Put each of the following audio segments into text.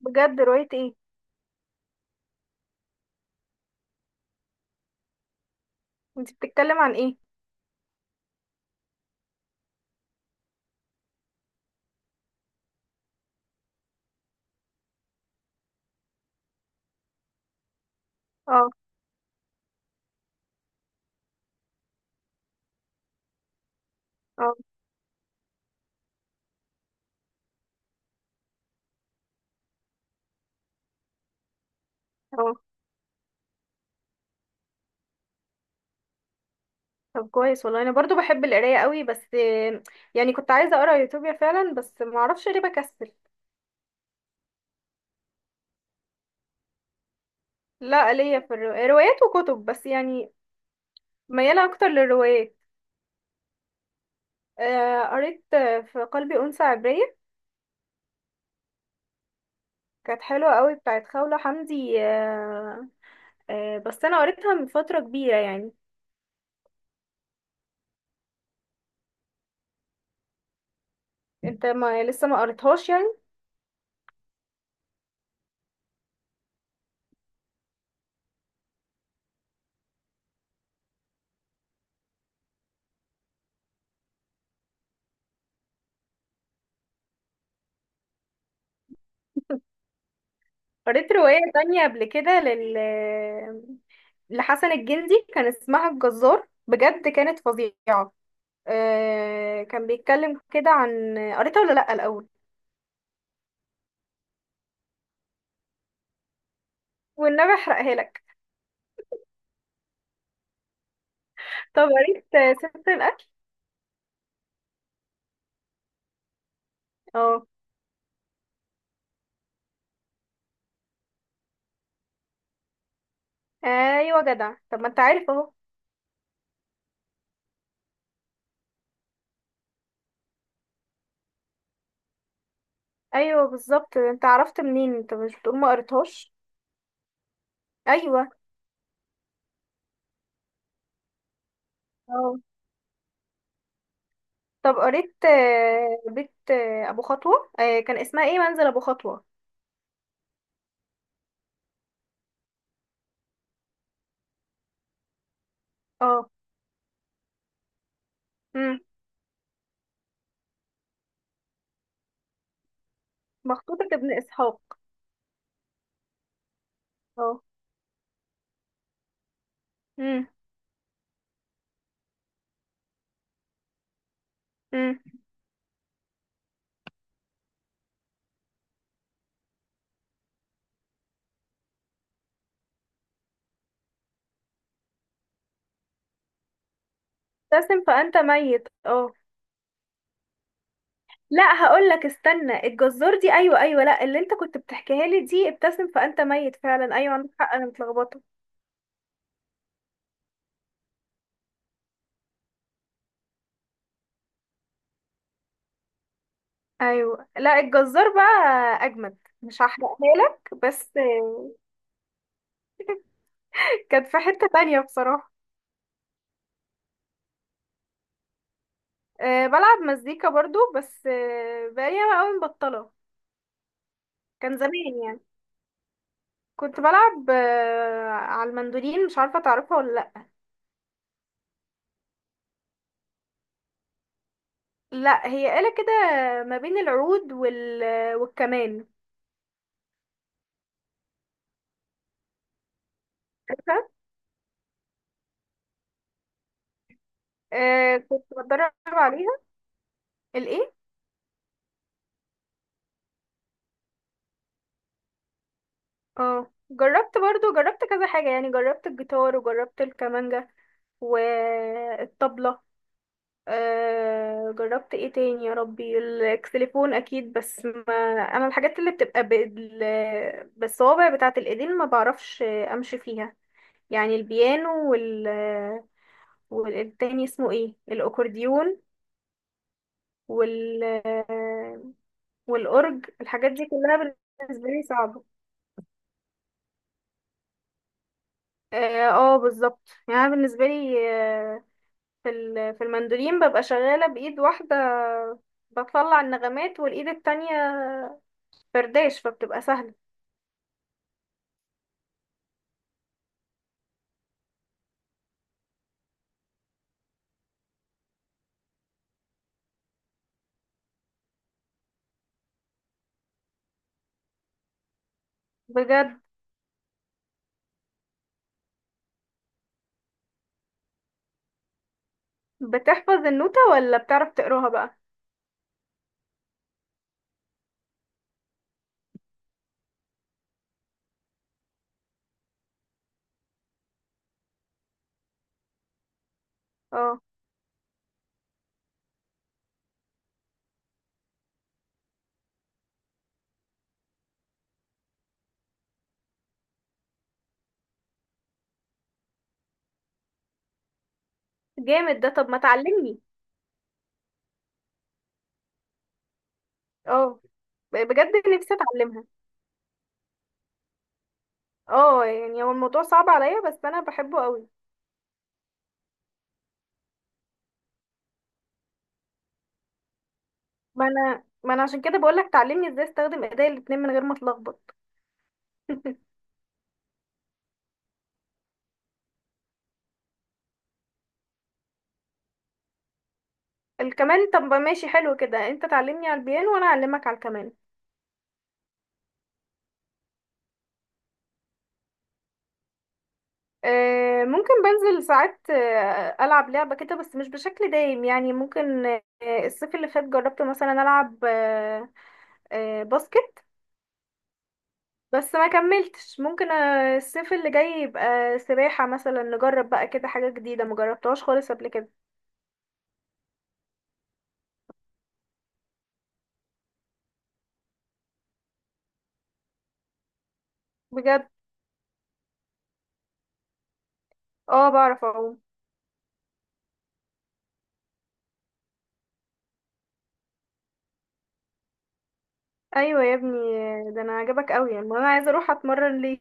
بجد رواية ايه؟ انت بتتكلم عن ايه؟ اه. اه. اه. طب كويس والله، انا برضو بحب القراية قوي بس يعني كنت عايزة اقرا يوتوبيا فعلا بس ما اعرفش ليه بكسل. لا، ليا في روايات وكتب بس يعني ميالة اكتر للروايات. قريت في قلبي أنثى عبرية، كانت حلوة قوي بتاعت خولة حمدي. بس انا قريتها من فترة كبيرة يعني. انت ما لسه ما قريتهاش يعني؟ قريت رواية تانية قبل كده لحسن الجندي، كان اسمها الجزار، بجد كانت فظيعة. كان بيتكلم كده، عن قريتها ولا لأ الأول؟ والنبي احرقها لك. طب قريت ست الأكل؟ اه. ايوه جدع، طب ما انت عارف اهو. ايوه بالظبط، انت عرفت منين؟ انت مش بتقول ما قريتهاش؟ ايوه. اه. طب قريت بيت ابو خطوة كان اسمها ايه، منزل ابو خطوة. اه. امم مخطوطة ابن اسحاق. اه. مم. ابتسم فأنت ميت. اه. لا، هقول لك استنى، الجزار دي ايوه ايوه، لا اللي انت كنت بتحكيها لي دي ابتسم فأنت ميت فعلا، ايوه عندك حق انا متلخبطه. ايوه. لا الجزار بقى اجمد، مش هحرقها لك بس. كانت في حتة تانية بصراحة. أه، بلعب مزيكا برضو بس بقالي ياما قوي مبطلة. كان زمان يعني، كنت بلعب على المندولين، مش عارفة تعرفها ولا لأ؟ لأ، هي آلة كده ما بين العود والكمان. آه كنت بتدرب عليها. الايه؟ اه جربت برضو، جربت كذا حاجة يعني، جربت الجيتار وجربت الكمانجة والطبلة. آه، جربت ايه تاني يا ربي؟ الاكسليفون اكيد. بس ما انا، الحاجات اللي بتبقى بالصوابع بتاعة الايدين ما بعرفش امشي فيها، يعني البيانو والتاني اسمه ايه، الاكورديون وال والأورج، الحاجات دي كلها بالنسبة لي صعبة. اه بالظبط يعني، أنا بالنسبه لي في المندولين ببقى شغاله بايد واحده بطلع النغمات، والايد التانية فرداش، فبتبقى سهله. بجد؟ بتحفظ النوتة ولا بتعرف تقراها بقى؟ اه جامد ده، طب ما تعلمني. اه بجد، نفسي اتعلمها. اه يعني هو الموضوع صعب عليا بس انا بحبه قوي. ما انا عشان كده بقولك تعلمني ازاي استخدم ايديا الاتنين من غير ما اتلخبط. الكمان، طب ماشي حلو كده، انت تعلمني على البيانو وانا اعلمك على الكمان. ممكن بنزل ساعات ألعب لعبة كده بس مش بشكل دايم يعني. ممكن الصيف اللي فات جربت مثلا ألعب باسكت. بس ما كملتش. ممكن الصيف اللي جاي يبقى سباحة مثلا، نجرب بقى كده حاجة جديدة مجربتهاش خالص قبل كده. بجد؟ اه بعرف اعوم. ايوه يا ابني. ده انا عجبك قوي يعني، ما انا عايزه اروح اتمرن ليه.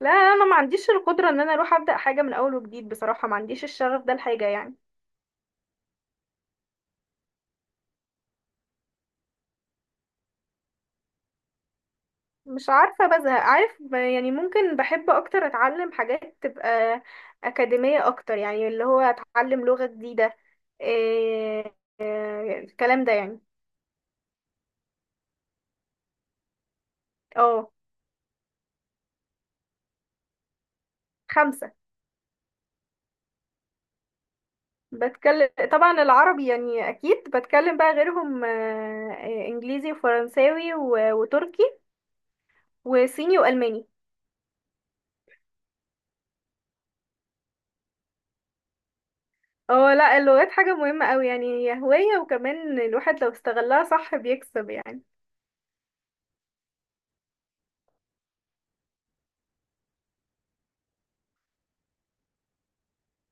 لا انا ما عنديش القدره ان انا اروح ابدا حاجه من اول وجديد، بصراحه ما عنديش الشغف ده الحاجه يعني. مش عارفة، بزهق عارف يعني ممكن بحب أكتر أتعلم حاجات تبقى أكاديمية أكتر، يعني اللي هو أتعلم لغة جديدة، إيه إيه الكلام ده يعني. اه. خمسة. بتكلم طبعا العربي يعني، أكيد بتكلم بقى غيرهم آه، إيه، إنجليزي وفرنساوي وتركي وصيني وألماني. اه، لا اللغات حاجة مهمة أوي يعني، هي هواية، وكمان الواحد لو استغلها صح بيكسب يعني.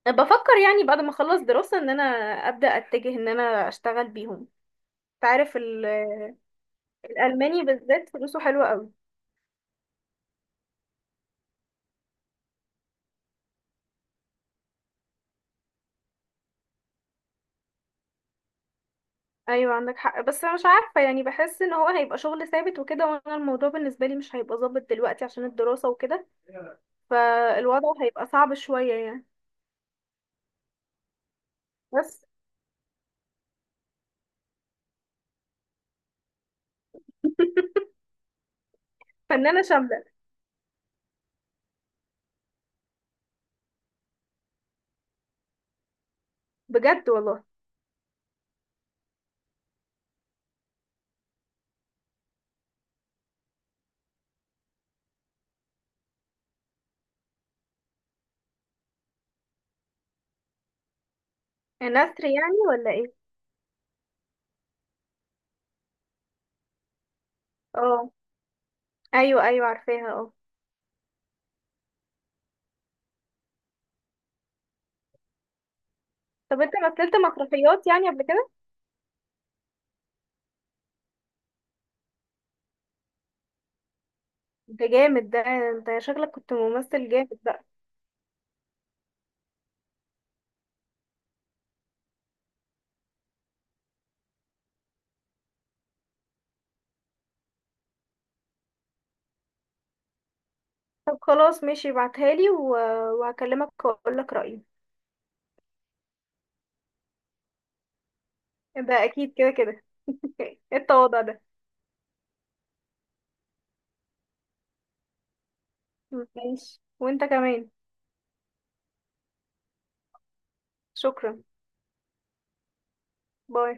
بفكر يعني بعد ما اخلص دراسة ان انا ابدأ اتجه ان انا اشتغل بيهم، تعرف. الالماني بالذات فلوسه حلوة قوي. ايوه عندك حق، بس انا مش عارفة يعني، بحس ان هو هيبقى شغل ثابت وكده، وانا الموضوع بالنسبة لي مش هيبقى ظابط دلوقتي عشان الدراسة وكده، فالوضع هيبقى صعب شوية يعني. بس. فنانة شاملة. بجد والله. نثر يعني ولا ايه؟ اه ايوه ايوه عارفاها اه. طب انت مثلت مسرحيات يعني قبل كده؟ ده جامد، ده انت شكلك كنت ممثل جامد. طب خلاص ماشي، ابعتها لي وهكلمك واقول لك رأيي. ده اكيد كده كده. ايه التواضع ده. ماشي، وانت كمان. شكرا. باي.